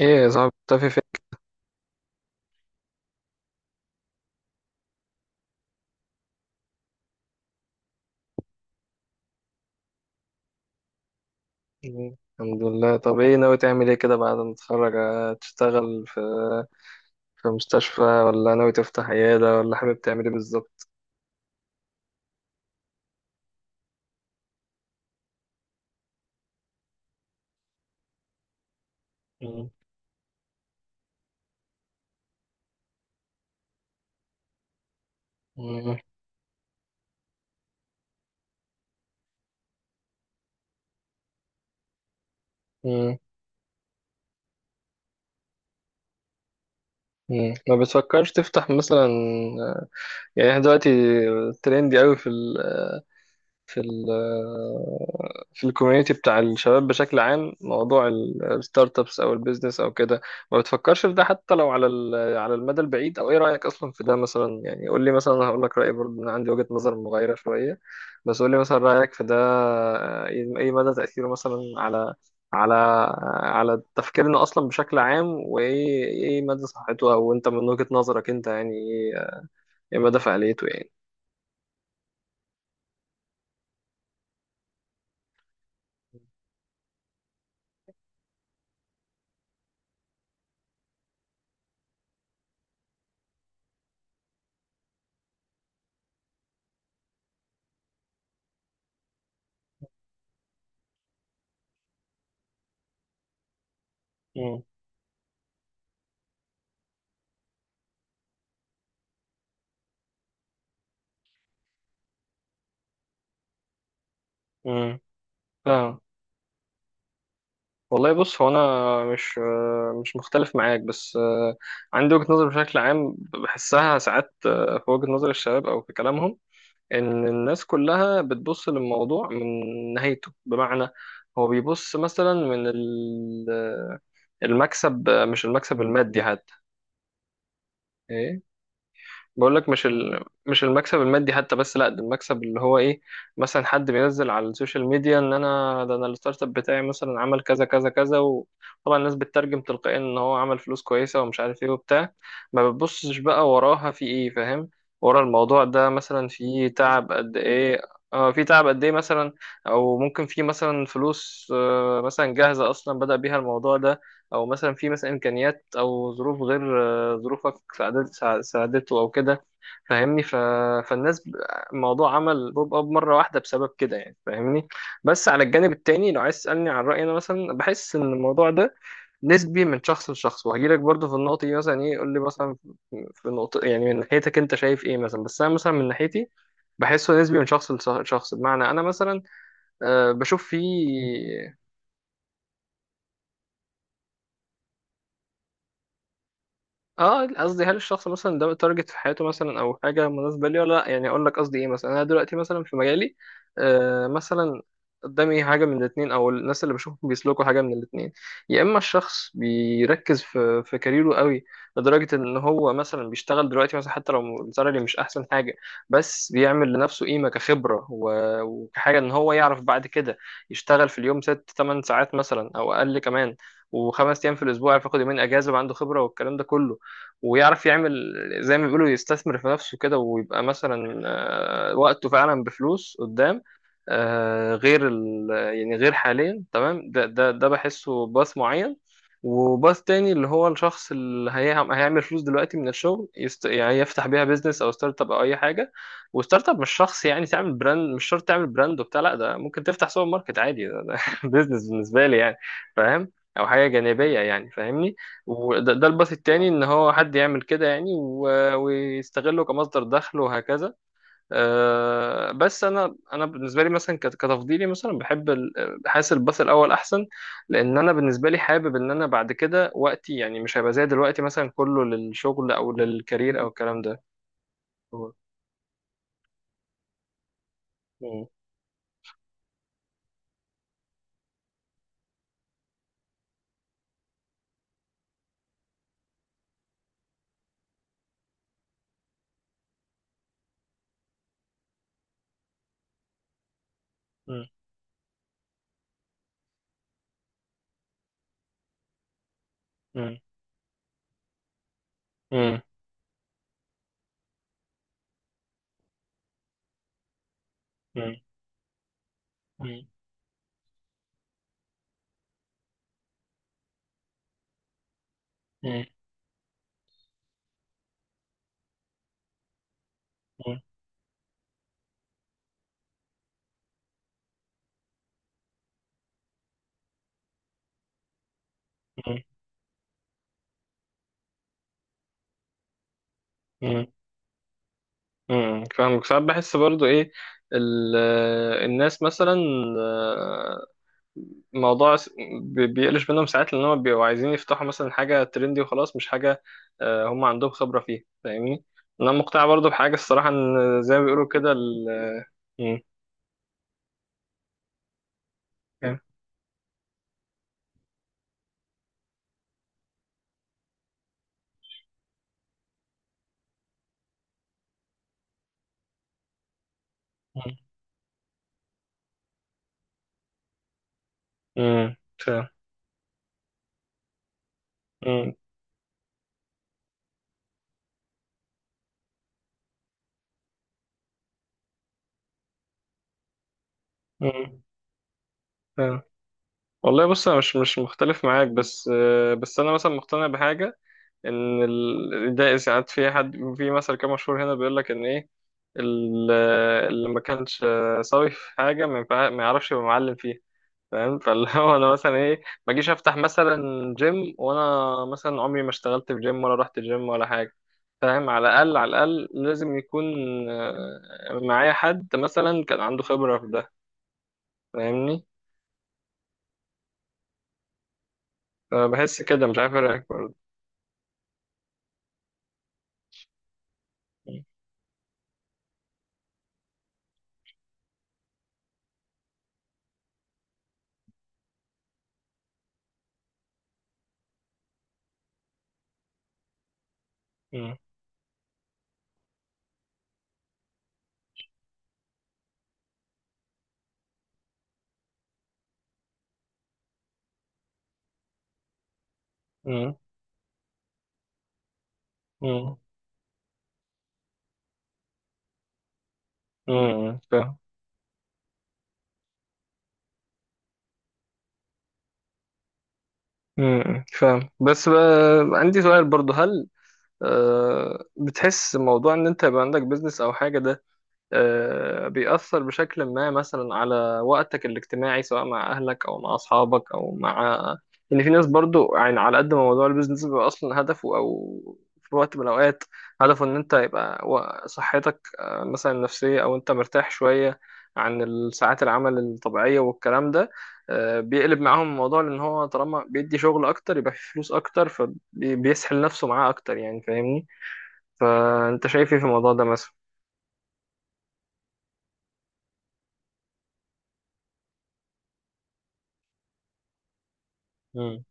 ايه يا صاحبي مختفي فين؟ مم. الحمد لله. طب ايه ناوي تعمل ايه كده بعد ما تتخرج؟ تشتغل في مستشفى ولا ناوي تفتح عيادة ولا حابب تعمل ايه بالظبط؟ مم. مم. مم. مم. ما بتفكرش تفتح مثلا؟ آه، يعني احنا دلوقتي ترندي قوي في ال في الكوميونتي بتاع الشباب بشكل عام، موضوع الستارت ابس او البيزنس او كده. ما بتفكرش في ده حتى لو على على المدى البعيد، او ايه رايك اصلا في ده؟ مثلا يعني قول لي مثلا. أنا هقول لك رايي برضه، انا عندي وجهه نظر مغايره شويه، بس قول لي مثلا رايك في ده. إيه مدى تاثيره مثلا على على تفكيرنا اصلا بشكل عام؟ وايه مدى صحته؟ او انت من وجهه نظرك انت يعني ايه مدى فعاليته يعني؟ امم والله بص، هو انا مش مختلف معاك، بس عندي وجهة نظر بشكل عام بحسها ساعات في وجهة نظر الشباب او في كلامهم، ان الناس كلها بتبص للموضوع من نهايته. بمعنى هو بيبص مثلا من المكسب، مش المكسب المادي حتى. إيه؟ بقول لك مش مش المكسب المادي حتى، بس لا، ده المكسب اللي هو ايه. مثلا حد بينزل على السوشيال ميديا ان انا ده، انا الستارت اب بتاعي مثلا عمل كذا كذا كذا، وطبعا الناس بتترجم تلقائيا ان هو عمل فلوس كويسه ومش عارف ايه وبتاع. ما بتبصش بقى وراها في ايه، فاهم؟ ورا الموضوع ده مثلا في تعب قد ايه. اه، في تعب قد ايه مثلا. او ممكن في مثلا فلوس مثلا جاهزه اصلا بدأ بيها الموضوع ده، او مثلا في مثلا امكانيات او ظروف غير ظروفك، ساعدته او كده، فاهمني؟ فالناس ب- الموضوع عمل بوب اب مره واحده بسبب كده يعني، فاهمني؟ بس على الجانب التاني لو عايز تسالني عن رايي، انا مثلا بحس ان الموضوع ده نسبي من شخص لشخص. وهجيلك برضه في النقطه دي مثلا. ايه قول لي مثلا في نقطه يعني من ناحيتك انت شايف ايه مثلا، بس انا مثلا من ناحيتي بحسه نسبي من شخص لشخص. بمعنى انا مثلا بشوف فيه. اه، قصدي هل الشخص مثلا ده تارجت في حياته مثلا او حاجه مناسبه لي ولا لا، يعني. اقول لك قصدي ايه مثلا، انا دلوقتي مثلا في مجالي مثلا قدامي حاجه من الاثنين، او الناس اللي بشوفهم بيسلكوا حاجه من الاثنين. يا اما الشخص بيركز في كاريره قوي لدرجه ان هو مثلا بيشتغل دلوقتي مثلا حتى لو السالري مش احسن حاجه، بس بيعمل لنفسه قيمه كخبره وكحاجه ان هو يعرف بعد كده يشتغل في اليوم 6-8 ساعات مثلا او اقل كمان، وخمس ايام في الاسبوع، يعرف ياخد يومين اجازه وعنده خبره والكلام ده كله، ويعرف يعمل، زي ما بيقولوا، يستثمر في نفسه كده، ويبقى مثلا وقته فعلا بفلوس قدام، غير يعني غير حاليا تمام. ده بحسه باث معين. وباث تاني اللي هو الشخص اللي هيعمل فلوس دلوقتي من الشغل يعني يفتح بيها بيزنس او ستارت اب او اي حاجه. وستارت اب مش شخص يعني تعمل براند، مش شرط تعمل براند وبتاع، لا، ده ممكن تفتح سوبر ماركت عادي ده بيزنس بالنسبه لي يعني. فاهم؟ او حاجه جانبيه، يعني فاهمني؟ وده الباث التاني، ان هو حد يعمل كده يعني ويستغله كمصدر دخل وهكذا. بس انا بالنسبه لي مثلا كتفضيلي مثلا بحب حاسس الباث الاول احسن. لان انا بالنسبه لي حابب ان انا بعد كده وقتي، يعني، مش هيبقى زي دلوقتي مثلا كله للشغل او للكارير او الكلام ده. هو- مم. مم. مم. مم. مم. مم. مم. مم. مم. مم. فاهمك. ساعات بحس برضو ايه ال- الناس مثلا آه، الموضوع س- بيقلش منهم ساعات لان هم بيبقوا عايزين يفتحوا مثلا حاجه ترندي وخلاص، مش حاجه هم عندهم خبره فيها، فاهمني؟ انا مقتنع برضو بحاجه الصراحه، ان زي ما بيقولوا كده مم. فاهم. مم. فاهم. مم. مم. فاهم. والله بص، انا مش مختلف معاك، بس انا مثلا مقتنع بحاجه، ان ده ساعات في حد في مثل كده مشهور هنا بيقول لك ان ايه اللي ما كانش سوي في حاجه ما يعرفش يبقى معلم فيها. فاهم؟ فاللي هو انا مثلا ايه، ما اجيش افتح مثلا جيم وانا مثلا عمري ما اشتغلت في جيم ولا رحت جيم ولا حاجه. فاهم؟ على الاقل، على الاقل لازم يكون معايا حد مثلا كان عنده خبره في ده، فاهمني؟ فبحس كده مش عارف اراك برضه. م- م- م- فاهم. فاهم، بس بقى عندي سؤال برضه. هل بتحس موضوع ان انت يبقى عندك بيزنس او حاجه ده، بيأثر بشكل ما مثلا على وقتك الاجتماعي سواء مع أهلك أو مع أصحابك أو مع، إن في ناس برضو يعني على قد ما موضوع البيزنس بيبقى أصلا هدفه، أو في وقت من الأوقات هدفه، إن أنت يبقى صحتك مثلا النفسية أو أنت مرتاح شوية عن الساعات العمل الطبيعية والكلام ده، بيقلب معاهم الموضوع لأن هو طالما بيدي شغل أكتر يبقى فيه فلوس أكتر فبيسحل نفسه معاه أكتر يعني، فاهمني؟ فأنت شايف إيه في الموضوع ده مثلا؟ مم.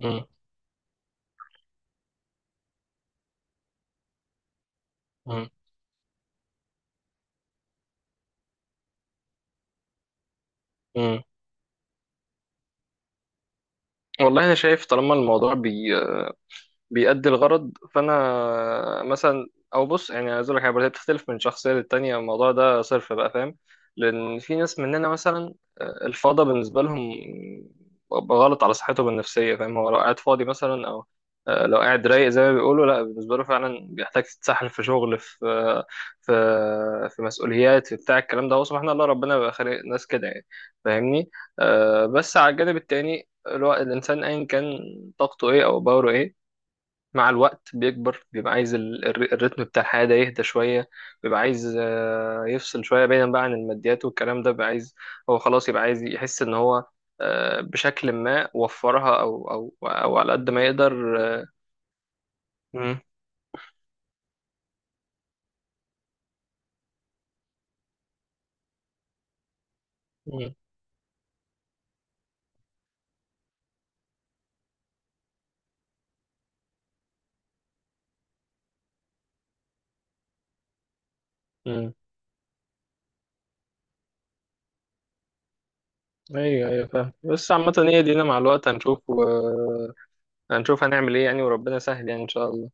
مم. مم. مم. والله انا شايف طالما الموضوع بيأدي الغرض فانا مثلا. او بص يعني عايز اقول لك حاجه، هي بتختلف من شخصيه للتانيه، الموضوع ده صرف بقى، فاهم؟ لان في ناس مننا مثلا الفاضه بالنسبه لهم غلط على صحتهم النفسيه، فاهم؟ هو لو قاعد فاضي مثلا او لو قاعد رايق زي ما بيقولوا، لا، بالنسبه له فعلا بيحتاج تتسحل في شغل، في في في مسؤوليات، في بتاع الكلام ده. هو سبحان الله، ربنا بيبقى خالق ناس كده يعني، فاهمني؟ بس على الجانب التاني الانسان ايا كان طاقته ايه او باوره ايه، مع الوقت بيكبر، بيبقى عايز الريتم بتاع الحياة ده يهدى شوية. بيبقى عايز يفصل شوية بعيدا بقى عن الماديات والكلام ده. بيبقى عايز، هو خلاص، يبقى عايز يحس إن هو بشكل ما وفرها، أو على قد ما يقدر. مم. مم. مم. أيوه، أيوه، فاهم. بس عامة هي دينا، مع الوقت هنشوف هنعمل إيه يعني، وربنا سهل يعني، إن شاء الله.